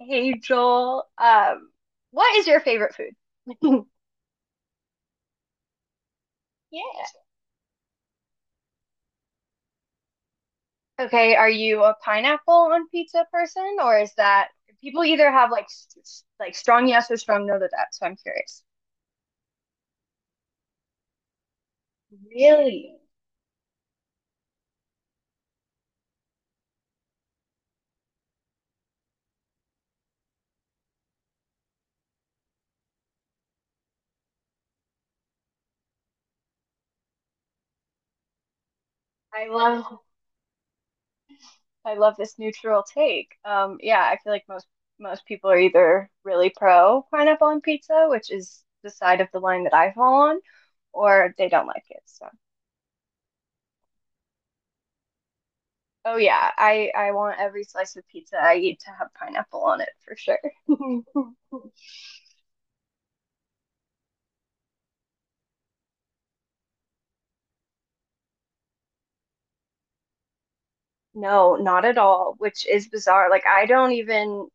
Hey Joel, what is your favorite food? Yeah. Okay, are you a pineapple on pizza person, or is that people either have like like strong yes or strong no to that? So I'm curious. Really? I love I love this neutral take. Yeah, I feel like most people are either really pro pineapple on pizza, which is the side of the line that I fall on, or they don't like it. So. Oh yeah, I want every slice of pizza I eat to have pineapple on it for sure. No, not at all, which is bizarre. Like I don't even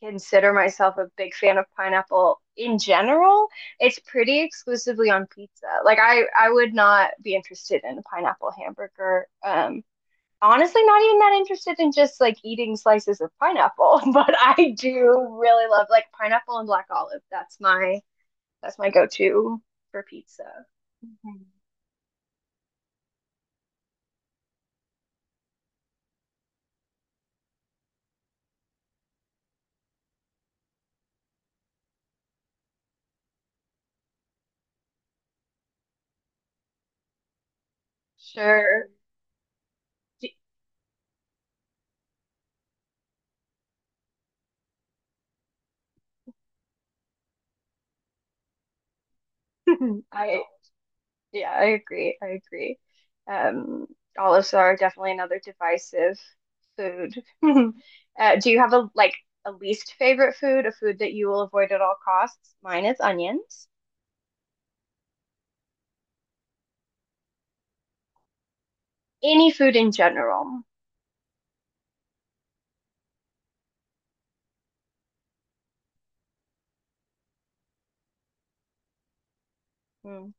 consider myself a big fan of pineapple in general. It's pretty exclusively on pizza. Like I would not be interested in a pineapple hamburger. Honestly not even that interested in just like eating slices of pineapple, but I do really love like pineapple and black olive. That's my go-to for pizza. Mhm. Sure. I yeah, I agree. I agree. Um, olives are definitely another divisive food. Do you have a least favorite food, a food that you will avoid at all costs? Mine is onions. Any food in general. Hmm.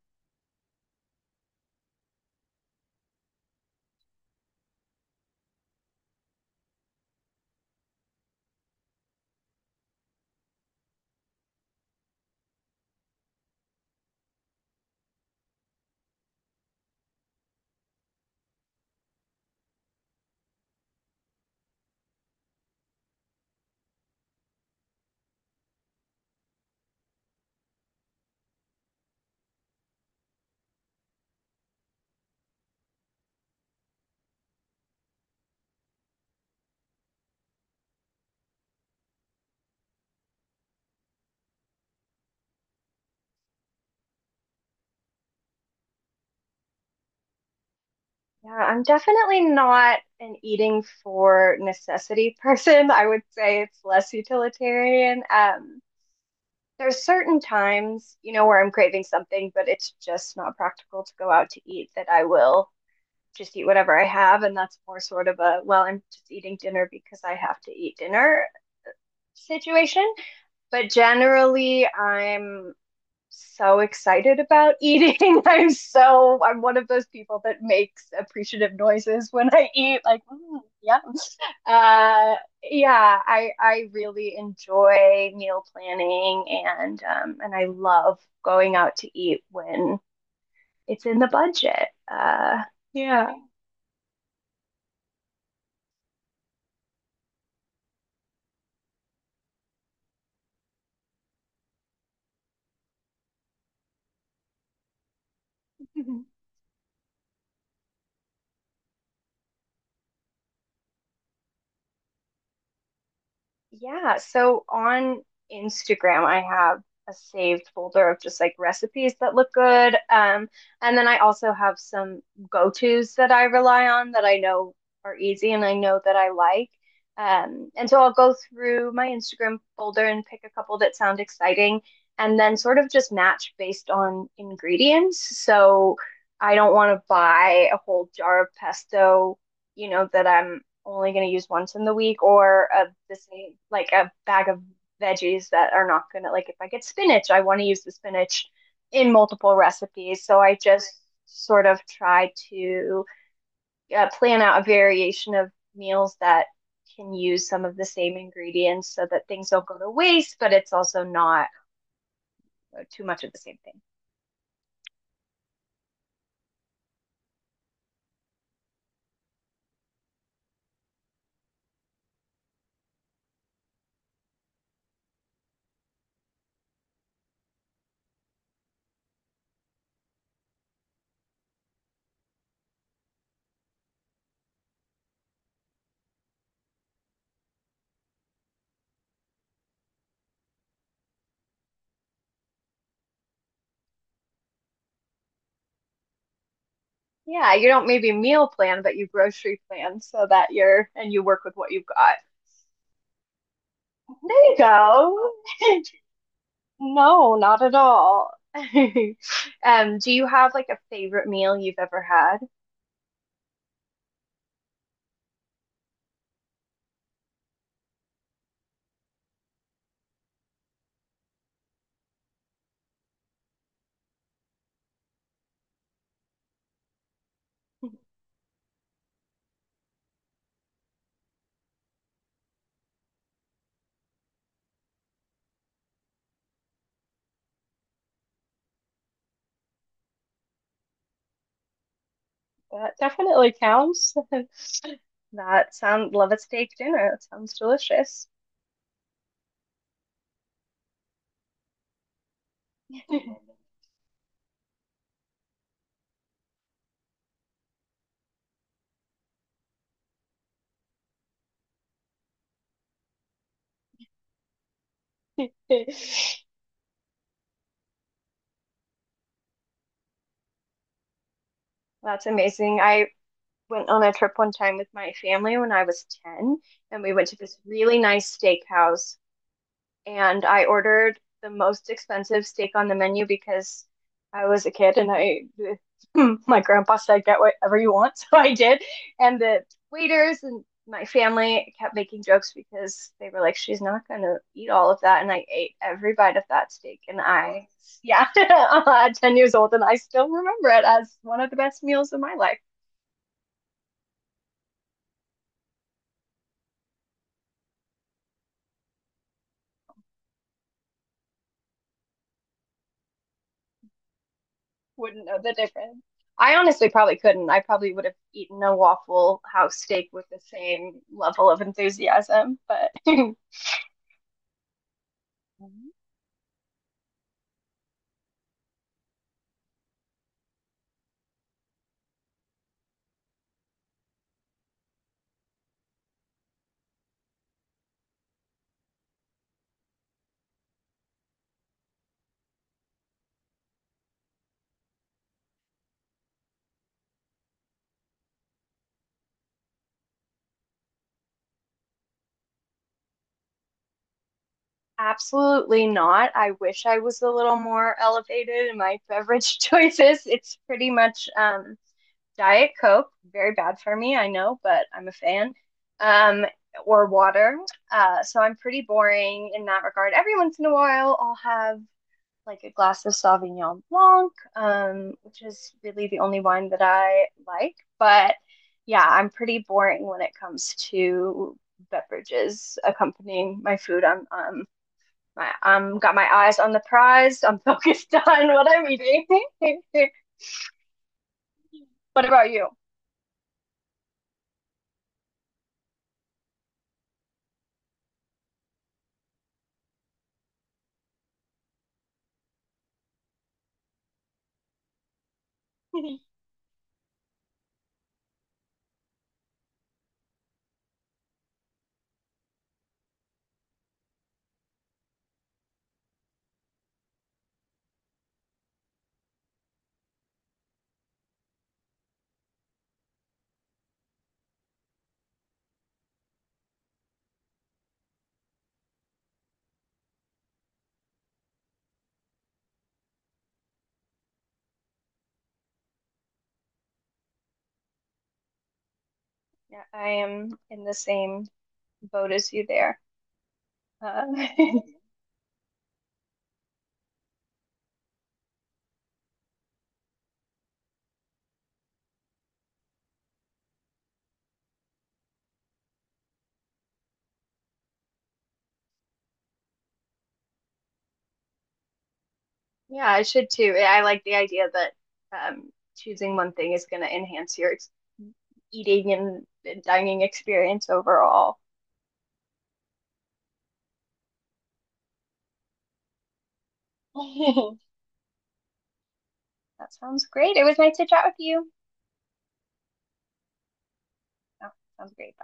Yeah, I'm definitely not an eating for necessity person. I would say it's less utilitarian. There's certain times, you know, where I'm craving something, but it's just not practical to go out to eat that I will just eat whatever I have. And that's more sort of a, well, I'm just eating dinner because I have to eat dinner situation. But generally, I'm so excited about eating. I'm one of those people that makes appreciative noises when I eat, like mm, yeah, uh, yeah. I really enjoy meal planning and I love going out to eat when it's in the budget. Yeah. Yeah, so on Instagram, I have a saved folder of just like recipes that look good. And then I also have some go-tos that I rely on that I know are easy and I know that I like. And so I'll go through my Instagram folder and pick a couple that sound exciting and then sort of just match based on ingredients. So I don't want to buy a whole jar of pesto, you know, that I'm only going to use once in the week or a the same like a bag of veggies that are not going to like if I get spinach, I want to use the spinach in multiple recipes. So I just sort of try to plan out a variation of meals that can use some of the same ingredients so that things don't go to waste, but it's also not too much of the same thing. Yeah, you don't maybe meal plan, but you grocery plan so that you work with what you've got. There you go. No, not at all. Do you have like a favorite meal you've ever had? That definitely counts. That sound love a steak dinner. That sounds delicious. That's amazing. I went on a trip one time with my family when I was 10, and we went to this really nice steakhouse and I ordered the most expensive steak on the menu because I was a kid and I my grandpa said get whatever you want, so I did. And the waiters and my family kept making jokes because they were like, "She's not gonna eat all of that," and I ate every bite of that steak. Yeah, at 10 years old, and I still remember it as one of the best meals of my life. Wouldn't know the difference. I honestly probably couldn't. I probably would have eaten a Waffle House steak with the same level of enthusiasm, but absolutely not. I wish I was a little more elevated in my beverage choices. It's pretty much Diet Coke, very bad for me, I know, but I'm a fan. Um, or water. So I'm pretty boring in that regard. Every once in a while, I'll have like a glass of Sauvignon Blanc, which is really the only wine that I like. But yeah, I'm pretty boring when it comes to beverages accompanying my food. I'm my got my eyes on the prize. I'm focused on what I'm eating. What about you? Yeah, I am in the same boat as you there. Uh, Yeah, I should too. I like the idea that um, choosing one thing is going to enhance your ex eating and dining experience overall. That sounds great. It was nice to chat with you. Oh, sounds great. Bye.